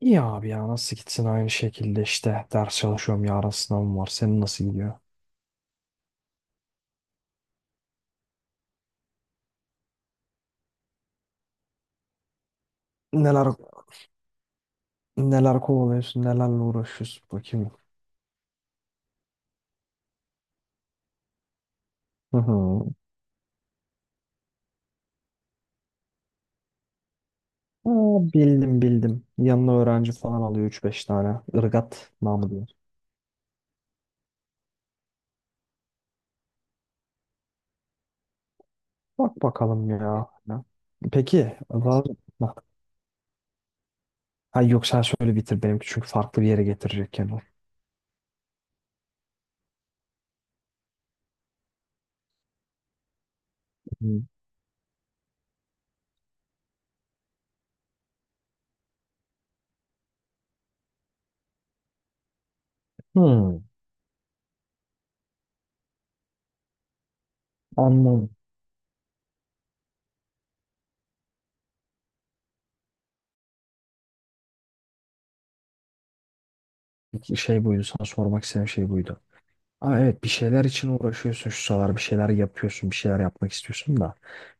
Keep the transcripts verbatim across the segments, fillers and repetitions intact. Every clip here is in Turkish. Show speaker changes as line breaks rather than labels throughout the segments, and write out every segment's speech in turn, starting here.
İyi abi ya, nasıl gitsin? Aynı şekilde işte, ders çalışıyorum, yarın sınavım var. Senin nasıl gidiyor? Neler neler kovalıyorsun, nelerle uğraşıyorsun bakayım. Hı hı. Aa, bildim bildim. Yanına öğrenci falan alıyor üç beş tane. Irgat namı diyor. Bak bakalım ya. Peki. var- Bak. Ha, yok, sen söyle bitir benimki, çünkü farklı bir yere getirecek kendini. Hı. Hı. Anladım. Şey buydu, sana sormak istediğim şey buydu. Ama evet, bir şeyler için uğraşıyorsun şu sıralar, bir şeyler yapıyorsun, bir şeyler yapmak istiyorsun da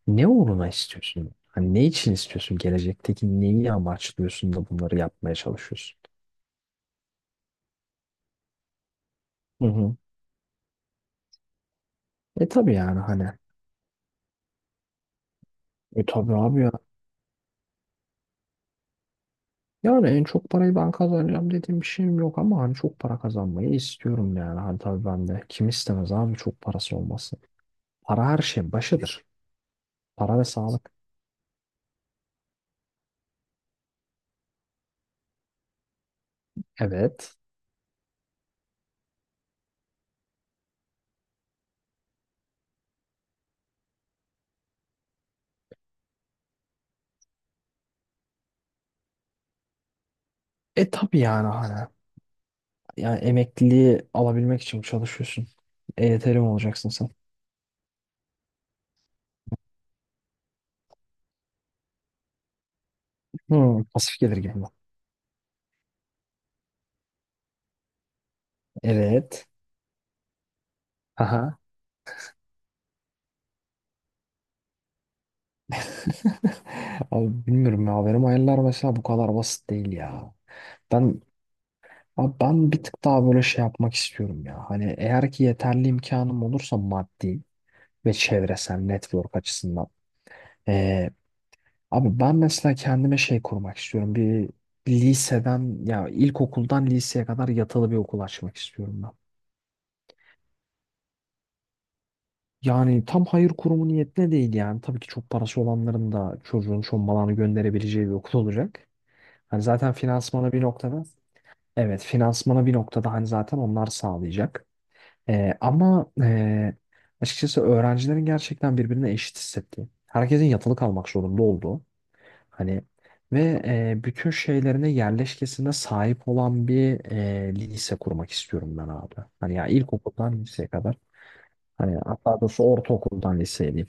ne uğruna istiyorsun? Hani ne için istiyorsun? Gelecekteki neyi amaçlıyorsun da bunları yapmaya çalışıyorsun? Hı hı. E tabii yani hani. E tabii abi ya. Yani en çok parayı ben kazanacağım dediğim bir şeyim yok ama hani çok para kazanmayı istiyorum yani. Hani tabii, ben de kim istemez abi çok parası olmasın? Para her şeyin başıdır. Para ve sağlık. Evet. E tabii yani hani. Yani emekliliği alabilmek için çalışıyorsun. E Y T'li mi olacaksın sen? Hmm, pasif gelir gelme. Evet. Aha. Abi bilmiyorum ya, benim hayaller mesela bu kadar basit değil ya. Ben abi ben bir tık daha böyle şey yapmak istiyorum ya. Hani eğer ki yeterli imkanım olursa, maddi ve çevresel network açısından. Ee, abi ben mesela kendime şey kurmak istiyorum. Bir, bir liseden ya ilkokuldan liseye kadar yatılı bir okul açmak istiyorum. Yani tam hayır kurumu niyetine değil yani. Tabii ki çok parası olanların da çocuğun şombalağını gönderebileceği bir okul olacak. Hani zaten finansmana bir noktada, evet, finansmana bir noktada hani zaten onlar sağlayacak. Ee, ama ee, açıkçası öğrencilerin gerçekten birbirine eşit hissettiği, herkesin yatılı kalmak zorunda olduğu hani, ve ee, bütün şeylerine, yerleşkesine sahip olan bir ee, lise kurmak istiyorum ben abi. Hani ya ilkokuldan liseye kadar, hani hatta doğrusu ortaokuldan liseye diyeyim.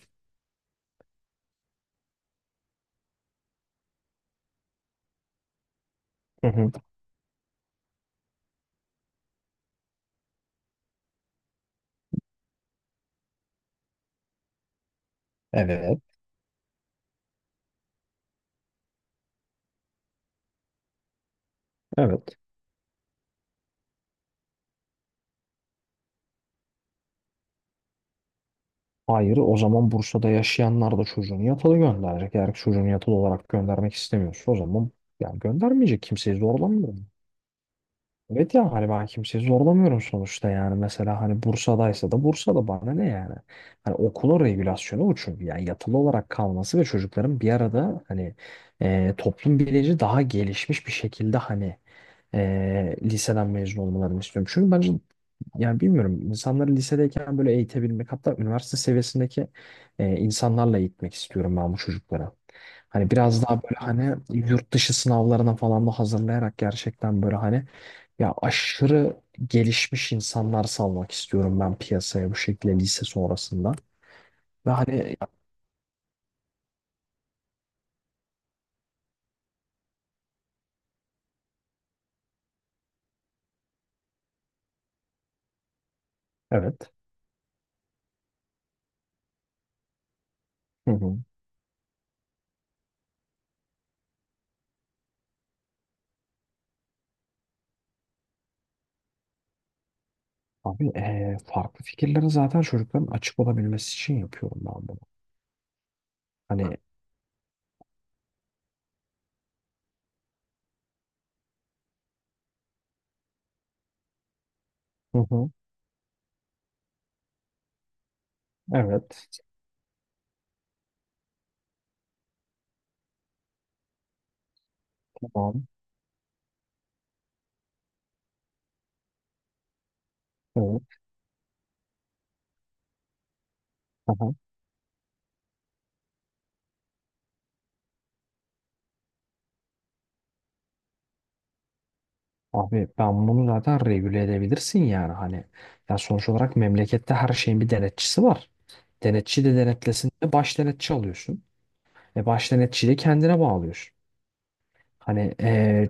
Hı hı. Evet. Evet. Hayır, o zaman Bursa'da yaşayanlar da çocuğunu yatılı gönderecek. Eğer çocuğunu yatılı olarak göndermek istemiyorsa, o zaman yani göndermeyecek. Kimseyi zorlamıyorum. Evet ya, hani ben kimseyi zorlamıyorum sonuçta yani, mesela hani Bursa'daysa da Bursa'da bana ne yani. Hani okulun regülasyonu o, çünkü yani yatılı olarak kalması ve çocukların bir arada hani e, toplum bilinci daha gelişmiş bir şekilde, hani eee, liseden mezun olmalarını istiyorum. Çünkü bence yani bilmiyorum, insanları lisedeyken böyle eğitebilmek, hatta üniversite seviyesindeki eee, insanlarla eğitmek istiyorum ben bu çocuklara. Hani biraz daha böyle hani yurt dışı sınavlarına falan da hazırlayarak, gerçekten böyle hani ya aşırı gelişmiş insanlar salmak istiyorum ben piyasaya, bu şekilde lise sonrasında. Ve hani, evet. Hı hı. Abi eee, farklı fikirlere zaten çocukların açık olabilmesi için yapıyorum ben bunu. Hani. Hı hı. Evet. Tamam. Evet. Aha. Abi ben bunu zaten regüle edebilirsin yani, hani ya sonuç olarak memlekette her şeyin bir denetçisi var. Denetçi de denetlesin de baş denetçi alıyorsun. E baş denetçiyi de kendine bağlıyorsun. Hani e,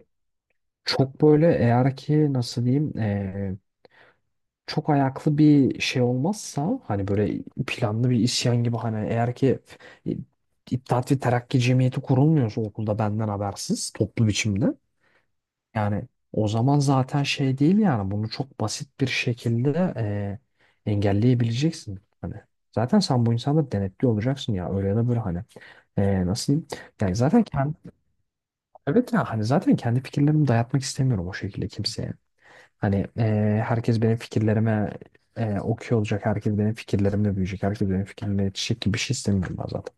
çok böyle eğer ki nasıl diyeyim e, çok ayaklı bir şey olmazsa, hani böyle planlı bir isyan gibi, hani eğer ki İttihat ve Terakki Cemiyeti kurulmuyorsa okulda benden habersiz toplu biçimde. Yani o zaman zaten şey değil yani, bunu çok basit bir şekilde e, engelleyebileceksin. Hani zaten sen bu insanı denetli olacaksın ya, öyle ya da böyle hani. E, nasıl diyeyim? Yani zaten kendi, evet ya, hani zaten kendi fikirlerimi dayatmak istemiyorum o şekilde kimseye. Hani e, herkes benim fikirlerime e, okuyor olacak, herkes benim fikirlerimle büyüyecek, herkes benim fikirlerimle yetişecek gibi bir şey istemiyorum ben zaten.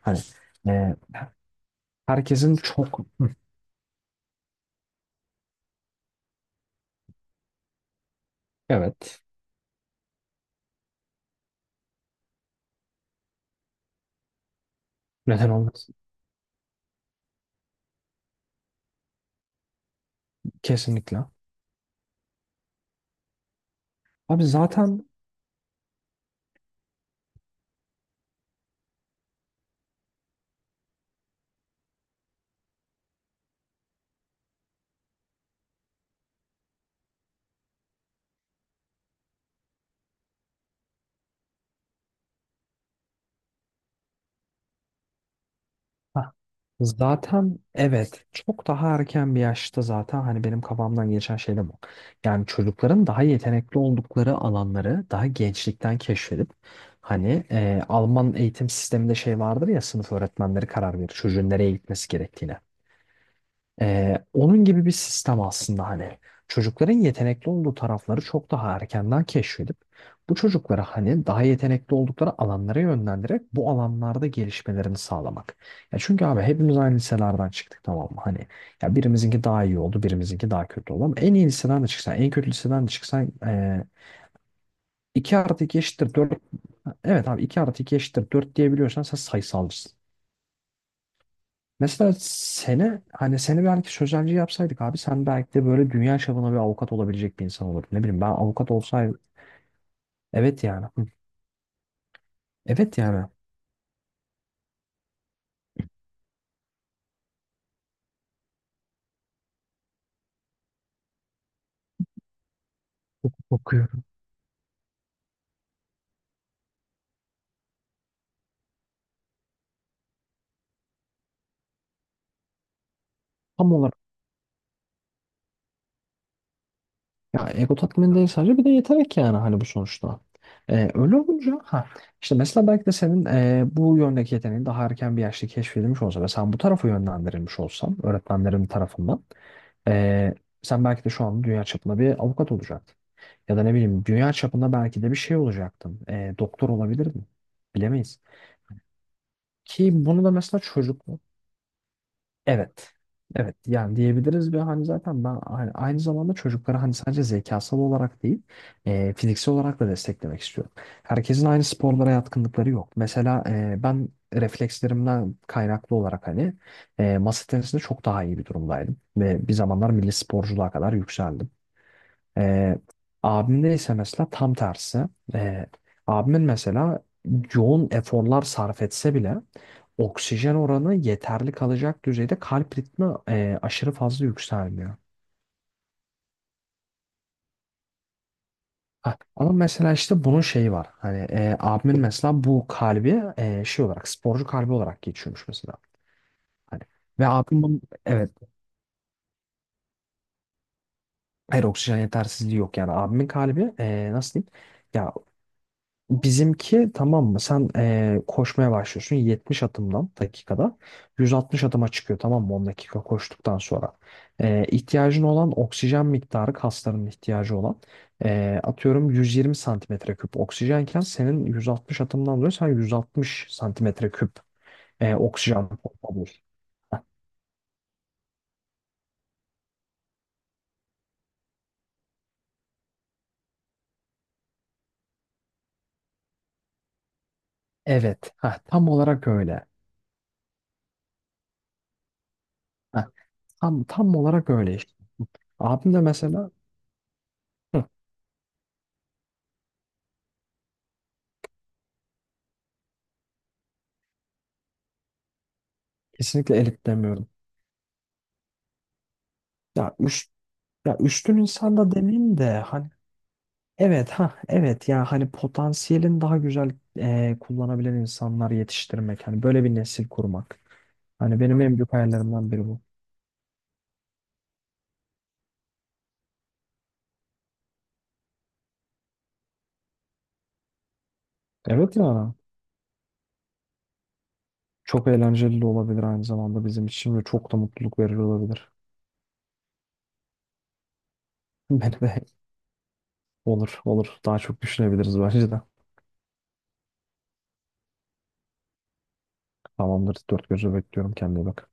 Hani e, herkesin çok, evet, neden olmasın, kesinlikle. Abi zaten. Hah. Zaten, evet, çok daha erken bir yaşta zaten hani benim kafamdan geçen şey de bu. Yani çocukların daha yetenekli oldukları alanları daha gençlikten keşfedip, hani e, Alman eğitim sisteminde şey vardır ya, sınıf öğretmenleri karar verir çocuğun nereye gitmesi gerektiğine. Ee, onun gibi bir sistem aslında, hani çocukların yetenekli olduğu tarafları çok daha erkenden keşfedip, bu çocuklara hani daha yetenekli oldukları alanlara yönlendirerek bu alanlarda gelişmelerini sağlamak. Ya çünkü abi, hepimiz aynı liselerden çıktık, tamam mı? Hani ya birimizinki daha iyi oldu, birimizinki daha kötü oldu ama en iyi liseden de çıksan, en kötü liseden de çıksan e, iki artı iki eşittir dört. Evet abi, iki artı iki eşittir dört diyebiliyorsan sen sayısalcısın. Mesela seni, hani seni belki sözelci yapsaydık abi, sen belki de böyle dünya çapında bir avukat olabilecek bir insan olurdun. Ne bileyim, ben avukat olsaydım. Evet yani. Hı. Evet yani. Okuyorum. Tam olarak. Ya ego tatmini değil sadece, bir de yetenek yani, hani bu sonuçta. Ee, öyle olunca ha işte, mesela belki de senin ee, bu yöndeki yeteneğin daha erken bir yaşta keşfedilmiş olsa ve sen bu tarafa yönlendirilmiş olsan öğretmenlerin tarafından, ee, sen belki de şu an dünya çapında bir avukat olacaktın. Ya da ne bileyim, dünya çapında belki de bir şey olacaktım. E, doktor olabilirdim. Bilemeyiz. Ki bunu da mesela çocuklu. Evet. Evet yani diyebiliriz, ve hani zaten ben hani aynı zamanda çocukları hani sadece zekasal olarak değil e, fiziksel olarak da desteklemek istiyorum. Herkesin aynı sporlara yatkınlıkları yok. Mesela e, ben reflekslerimden kaynaklı olarak, hani e, masa tenisinde çok daha iyi bir durumdaydım. Ve bir zamanlar milli sporculuğa kadar yükseldim. Ee, abimde ise mesela tam tersi. Ee, abimin mesela yoğun eforlar sarf etse bile oksijen oranı yeterli kalacak düzeyde, kalp ritmi e, aşırı fazla yükselmiyor. Ha, ama mesela işte bunun şeyi var. Hani e, abimin mesela bu kalbi e, şey olarak, sporcu kalbi olarak geçiyormuş mesela. Hani ve abim bunun- evet, hayır, oksijen yetersizliği yok yani, abimin kalbi e, nasıl diyeyim? Ya, bizimki tamam mı? Sen eee, koşmaya başlıyorsun, yetmiş adımdan dakikada. yüz altmış adıma çıkıyor tamam mı, on dakika koştuktan sonra. Eee ihtiyacın olan oksijen miktarı, kasların ihtiyacı olan eee, atıyorum yüz yirmi santimetre küp oksijenken, senin yüz altmış adımdan dolayı sen yüz altmış santimetre küp eee, oksijen pompalıyorsun. Heh. Evet. Heh, tam olarak öyle. Heh. Tam, tam olarak öyle işte. Abim de mesela, hı, kesinlikle elit demiyorum. Ya, üç, ya üstün insan da demeyeyim de hani, evet ha evet ya hani potansiyelin daha güzel e, kullanabilen insanlar yetiştirmek. Hani böyle bir nesil kurmak. Hani benim en büyük hayallerimden biri bu. Evet ya, çok eğlenceli de olabilir aynı zamanda bizim için ve çok da mutluluk verici olabilir. Beni de, olur olur, daha çok düşünebiliriz bence de. Tamamdır, dört gözle bekliyorum, kendine iyi bak.